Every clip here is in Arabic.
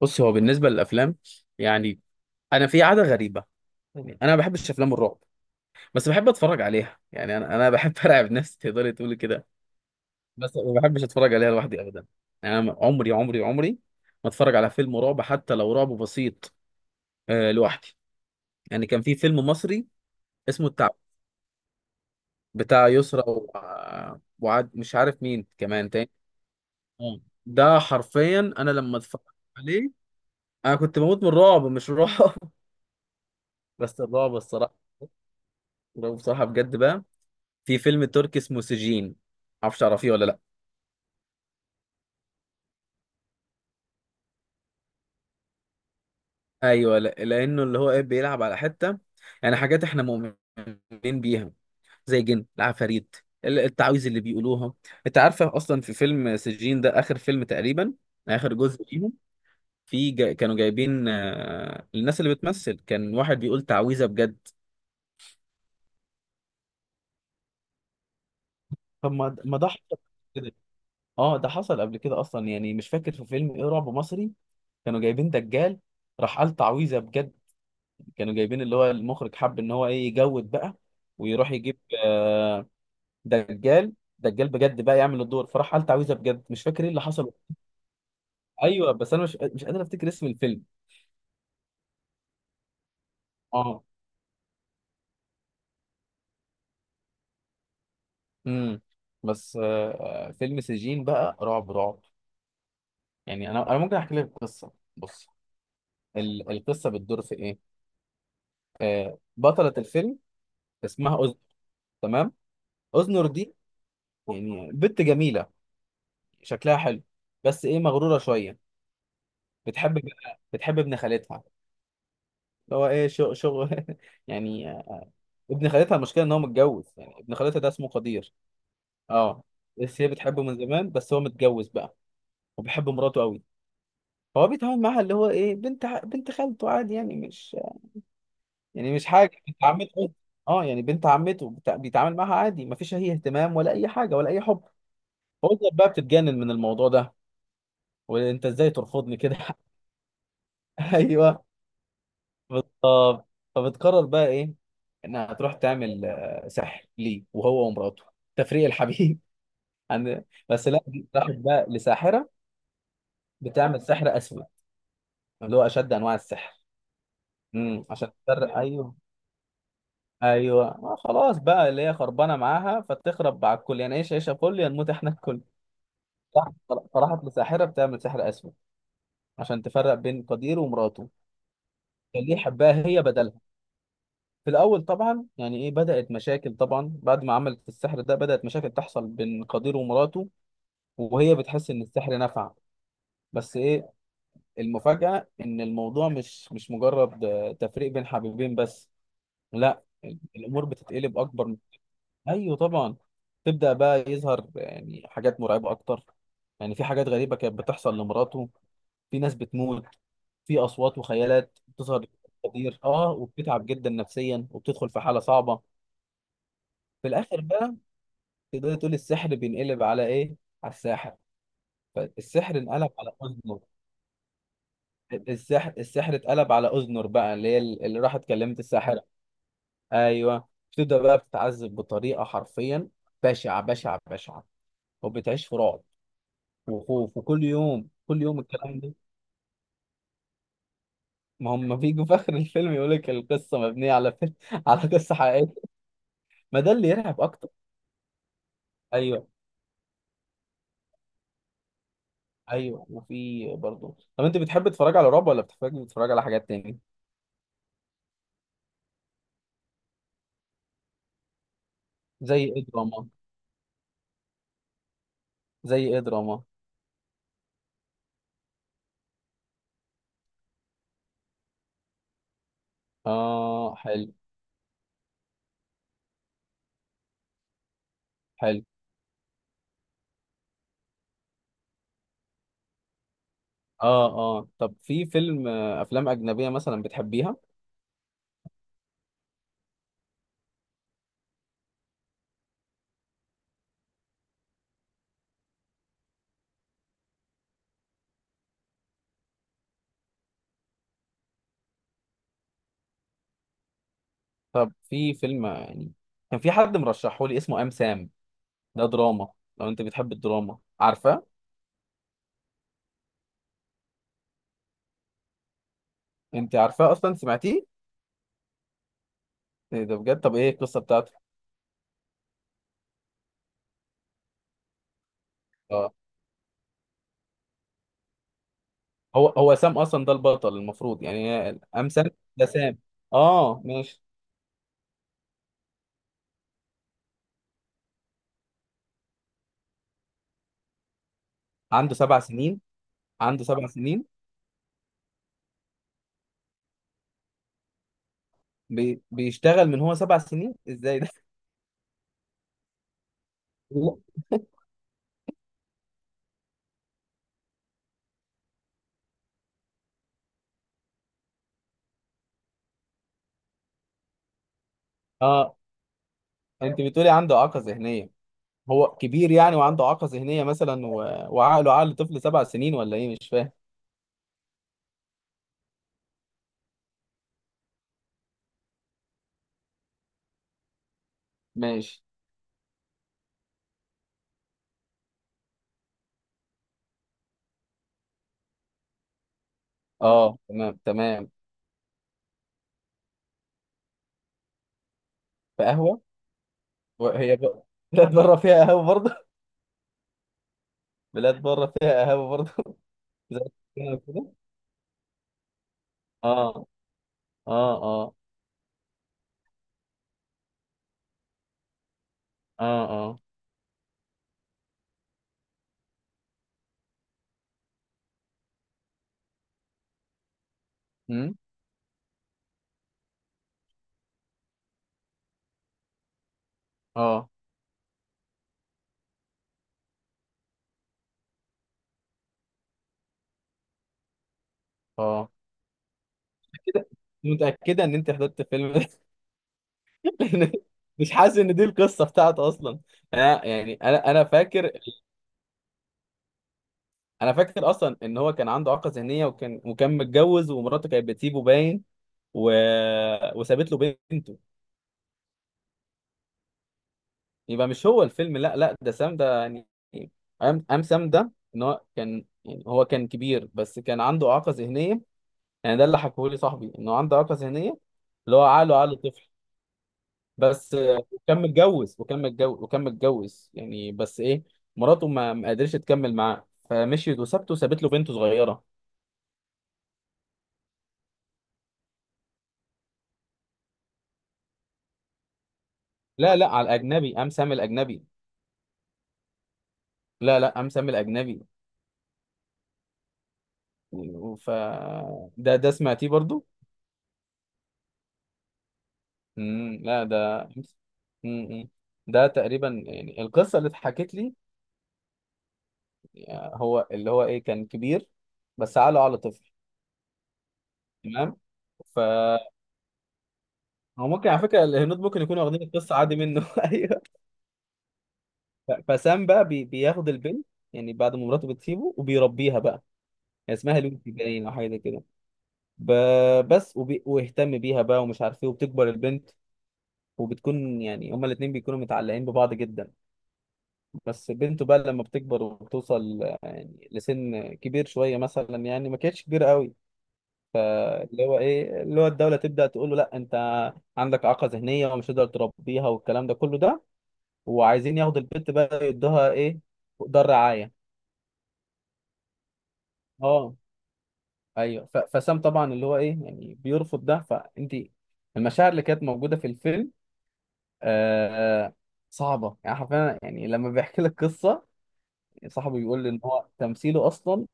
بص، هو بالنسبه للافلام، يعني انا في عاده غريبه. يعني انا ما بحبش افلام الرعب، بس بحب اتفرج عليها، يعني انا بحب ارعب نفسي، تقدري تقولي كده. بس ما بحبش اتفرج عليها لوحدي ابدا. يعني انا عمري عمري عمري ما اتفرج على فيلم رعب، حتى لو رعب بسيط لوحدي. يعني كان في فيلم مصري اسمه التعب، بتاع يسرا وعاد، مش عارف مين كمان تاني. آه. ده حرفيا انا لما اتفرجت عليه، انا كنت بموت من الرعب، مش الرعب بس الرعب الصراحه، الرعب بصراحه بجد بقى. في فيلم تركي اسمه سجين، معرفش تعرفيه ولا لا. ايوه، لا. لانه اللي هو ايه بيلعب على حته، يعني حاجات احنا مؤمنين بيها، زي الجن العفاريت، التعاويذ اللي بيقولوها. انت عارفه اصلا في فيلم سجين ده؟ اخر فيلم تقريبا، اخر جزء ليهم. كانوا جايبين الناس اللي بتمثل، كان واحد بيقول تعويذه بجد. طب، ما ده حصل كده. اه، ده حصل قبل كده اصلا، يعني مش فاكر في فيلم ايه رعب مصري. كانوا جايبين دجال، راح قال تعويذه بجد. كانوا جايبين اللي هو المخرج حب ان هو ايه يجود بقى، ويروح يجيب آه، دجال. دجال بجد بقى يعمل الدور، فراح قال تعويذه بجد، مش فاكر ايه اللي حصل. ايوه، بس انا مش قادر افتكر اسم الفيلم. اه. امم بس فيلم سجين بقى رعب رعب. يعني انا ممكن احكي لك القصه. بص. القصه بتدور في ايه. بطله الفيلم اسمها أذنر. تمام. أذنر دي يعني بنت جميله، شكلها حلو، بس ايه مغروره شويه. بتحب بقى بتحب ابن خالتها اللي هو ايه شغل شغل يعني ابن خالتها، المشكله ان هو متجوز، يعني ابن خالتها ده اسمه قدير. اه، بس هي بتحبه من زمان، بس هو متجوز بقى وبيحب مراته قوي. فهو بيتعامل معاها اللي هو ايه بنت خالته عادي، يعني مش حاجه بنت عمته. اه، يعني بنت عمته، بيتعامل معاها عادي، مفيش اي اهتمام ولا اي حاجه ولا اي حب. فوزة بقى بتتجنن من الموضوع ده. وانت ازاي ترفضني كده؟ ايوه بالظبط. فبتقرر بقى ايه، انها هتروح تعمل سحر ليه وهو ومراته، تفريق الحبيب عن. بس لا، دي راحت بقى لساحره، بتعمل سحر اسود، اللي هو اشد انواع السحر. عشان تفرق. ايوه، ايوه، خلاص بقى، اللي هي خربانه معاها فتخرب على الكل، يعني ايش عيشه، كل يا نموت احنا الكل. فراحت لساحره بتعمل سحر اسود، عشان تفرق بين قدير ومراته. اللي يحبها هي بدلها. في الأول طبعا يعني إيه، بدأت مشاكل طبعا، بعد ما عملت السحر ده بدأت مشاكل تحصل بين قدير ومراته. وهي بتحس إن السحر نفع. بس إيه، المفاجأة إن الموضوع مش مجرد تفريق بين حبيبين بس. لا، الأمور بتتقلب أكبر. أيوه طبعا. تبدأ بقى يظهر يعني حاجات مرعبة أكتر. يعني في حاجات غريبة كانت بتحصل لمراته، في ناس بتموت، في أصوات وخيالات بتظهر. قدير وبتتعب جدا نفسيا وبتدخل في حالة صعبة. في الآخر بقى، تقدر تقول السحر بينقلب على ايه، على الساحر. فالسحر انقلب على اذنر، السحر اتقلب على اذنر بقى، اللي هي اللي راحت كلمت الساحره. ايوه، بتبدا بقى بتتعذب بطريقه حرفيا بشعه بشعه بشعه، وبتعيش في رعب وخوف، وكل يوم كل يوم الكلام ده. ما هم بيجوا في اخر الفيلم يقول لك القصه مبنيه على فيلم على قصه حقيقيه. ما ده اللي يرعب اكتر. ايوه، ايوه. وفي برضه. طب انت بتحب تتفرج على رعب ولا بتحب تتفرج على حاجات تاني؟ زي ايه دراما؟ زي ايه دراما؟ اه حلو. حلو. اه. اه. طب في فيلم افلام اجنبيه مثلا بتحبيها؟ طب في فيلم يعني كان في حد مرشحه لي اسمه ام سام. ده دراما، لو انت بتحب الدراما. عارفاه؟ انت عارفاه اصلا؟ سمعتيه؟ إيه ده بجد، طب ايه القصه بتاعته؟ اه، هو سام اصلا ده البطل المفروض، يعني هي ام سام، ده سام، اه ماشي. عنده سبع سنين؟ عنده سبع سنين؟ بيشتغل من هو 7 سنين؟ ازاي ده؟ اه. انت بتقولي عنده اعاقه ذهنيه، هو كبير يعني وعنده إعاقة ذهنية مثلا، وعقله عقل طفل 7 سنين ولا إيه، مش فاهم. ماشي. أه تمام، تمام. في قهوة؟ وهي بلاد بره فيها قهوة برضه؟ بلاد بره فيها قهوة برضه زي كده كده. أه، أه، أه، أه، أه، أمم، أه، أه كده. متأكدة إن أنت حضرت الفيلم ده؟ لأن مش حاسس إن دي القصة بتاعته أصلا. أنا يعني أنا فاكر. انا فاكر اصلا ان هو كان عنده اعاقه ذهنيه، وكان متجوز، ومراته كانت بتسيبه باين، و... وسابت له بنته. يبقى مش هو الفيلم؟ لا، لا، ده سام ده يعني. ام سام ده، ان هو كان، يعني هو كان كبير بس كان عنده اعاقه ذهنيه. يعني ده اللي حكوه لي صاحبي، انه عنده اعاقه ذهنيه، اللي هو عقله عقل طفل. بس وكان متجوز وكان متجوز وكان متجوز يعني، بس ايه، مراته ما قدرتش تكمل معاه فمشيت وسابته، سابت له بنته صغيره. لا، لا، على الاجنبي ام سام الاجنبي. لا، لا، ام سام الاجنبي. ف ده سمعتيه برضو؟ مم. لا ده. مم. ده تقريبا يعني القصه اللي اتحكت لي. هو اللي هو ايه كان كبير، بس عقله على طفل. تمام. ف هو ممكن على فكره الهنود ممكن يكونوا واخدين القصه عادي منه ايوه. فسام بقى بياخد البنت، يعني بعد ما مراته بتسيبه وبيربيها بقى. هي اسمها لوسي باين او حاجه زي كده. ب... بس ويهتم بيها بقى ومش عارف ايه، وبتكبر البنت. وبتكون يعني هما الاثنين بيكونوا متعلقين ببعض جدا. بس بنته بقى لما بتكبر وبتوصل يعني لسن كبير شويه مثلا، يعني ما كانتش كبيره قوي. اللي هو ايه اللي هو، الدوله تبدا تقول له: لا انت عندك اعاقه ذهنيه ومش هتقدر تربيها والكلام ده كله ده. وعايزين ياخدوا البنت بقى يدوها ايه، دار رعايه. اه. ايوه، فسام طبعا اللي هو ايه يعني بيرفض ده. فانت، المشاعر اللي كانت موجوده في الفيلم آه صعبه، يعني حرفيا، يعني لما بيحكي لك قصه صاحبه، بيقول لي ان هو تمثيله اصلا،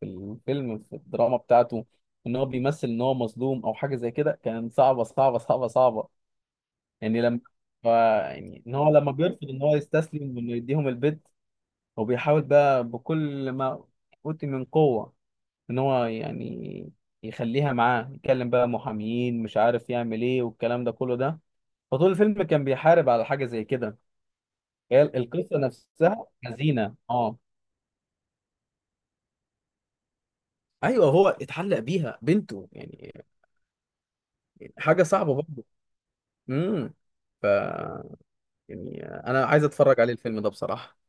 في الفيلم في الدراما بتاعته، ان هو بيمثل ان هو مظلوم او حاجه زي كده، كان صعبه صعبه صعبه صعبه. يعني لما، يعني ان هو لما بيرفض ان هو يستسلم وانه يديهم البيت. هو بيحاول بقى بكل ما اوتي من قوه ان هو يعني يخليها معاه، يكلم بقى محاميين، مش عارف يعمل ايه، والكلام ده كله ده. فطول الفيلم كان بيحارب على حاجه زي كده. هي القصه نفسها حزينه، اه. ايوه هو اتعلق بيها بنته يعني، حاجه صعبه برضه. امم ف يعني انا عايز اتفرج عليه الفيلم ده بصراحة.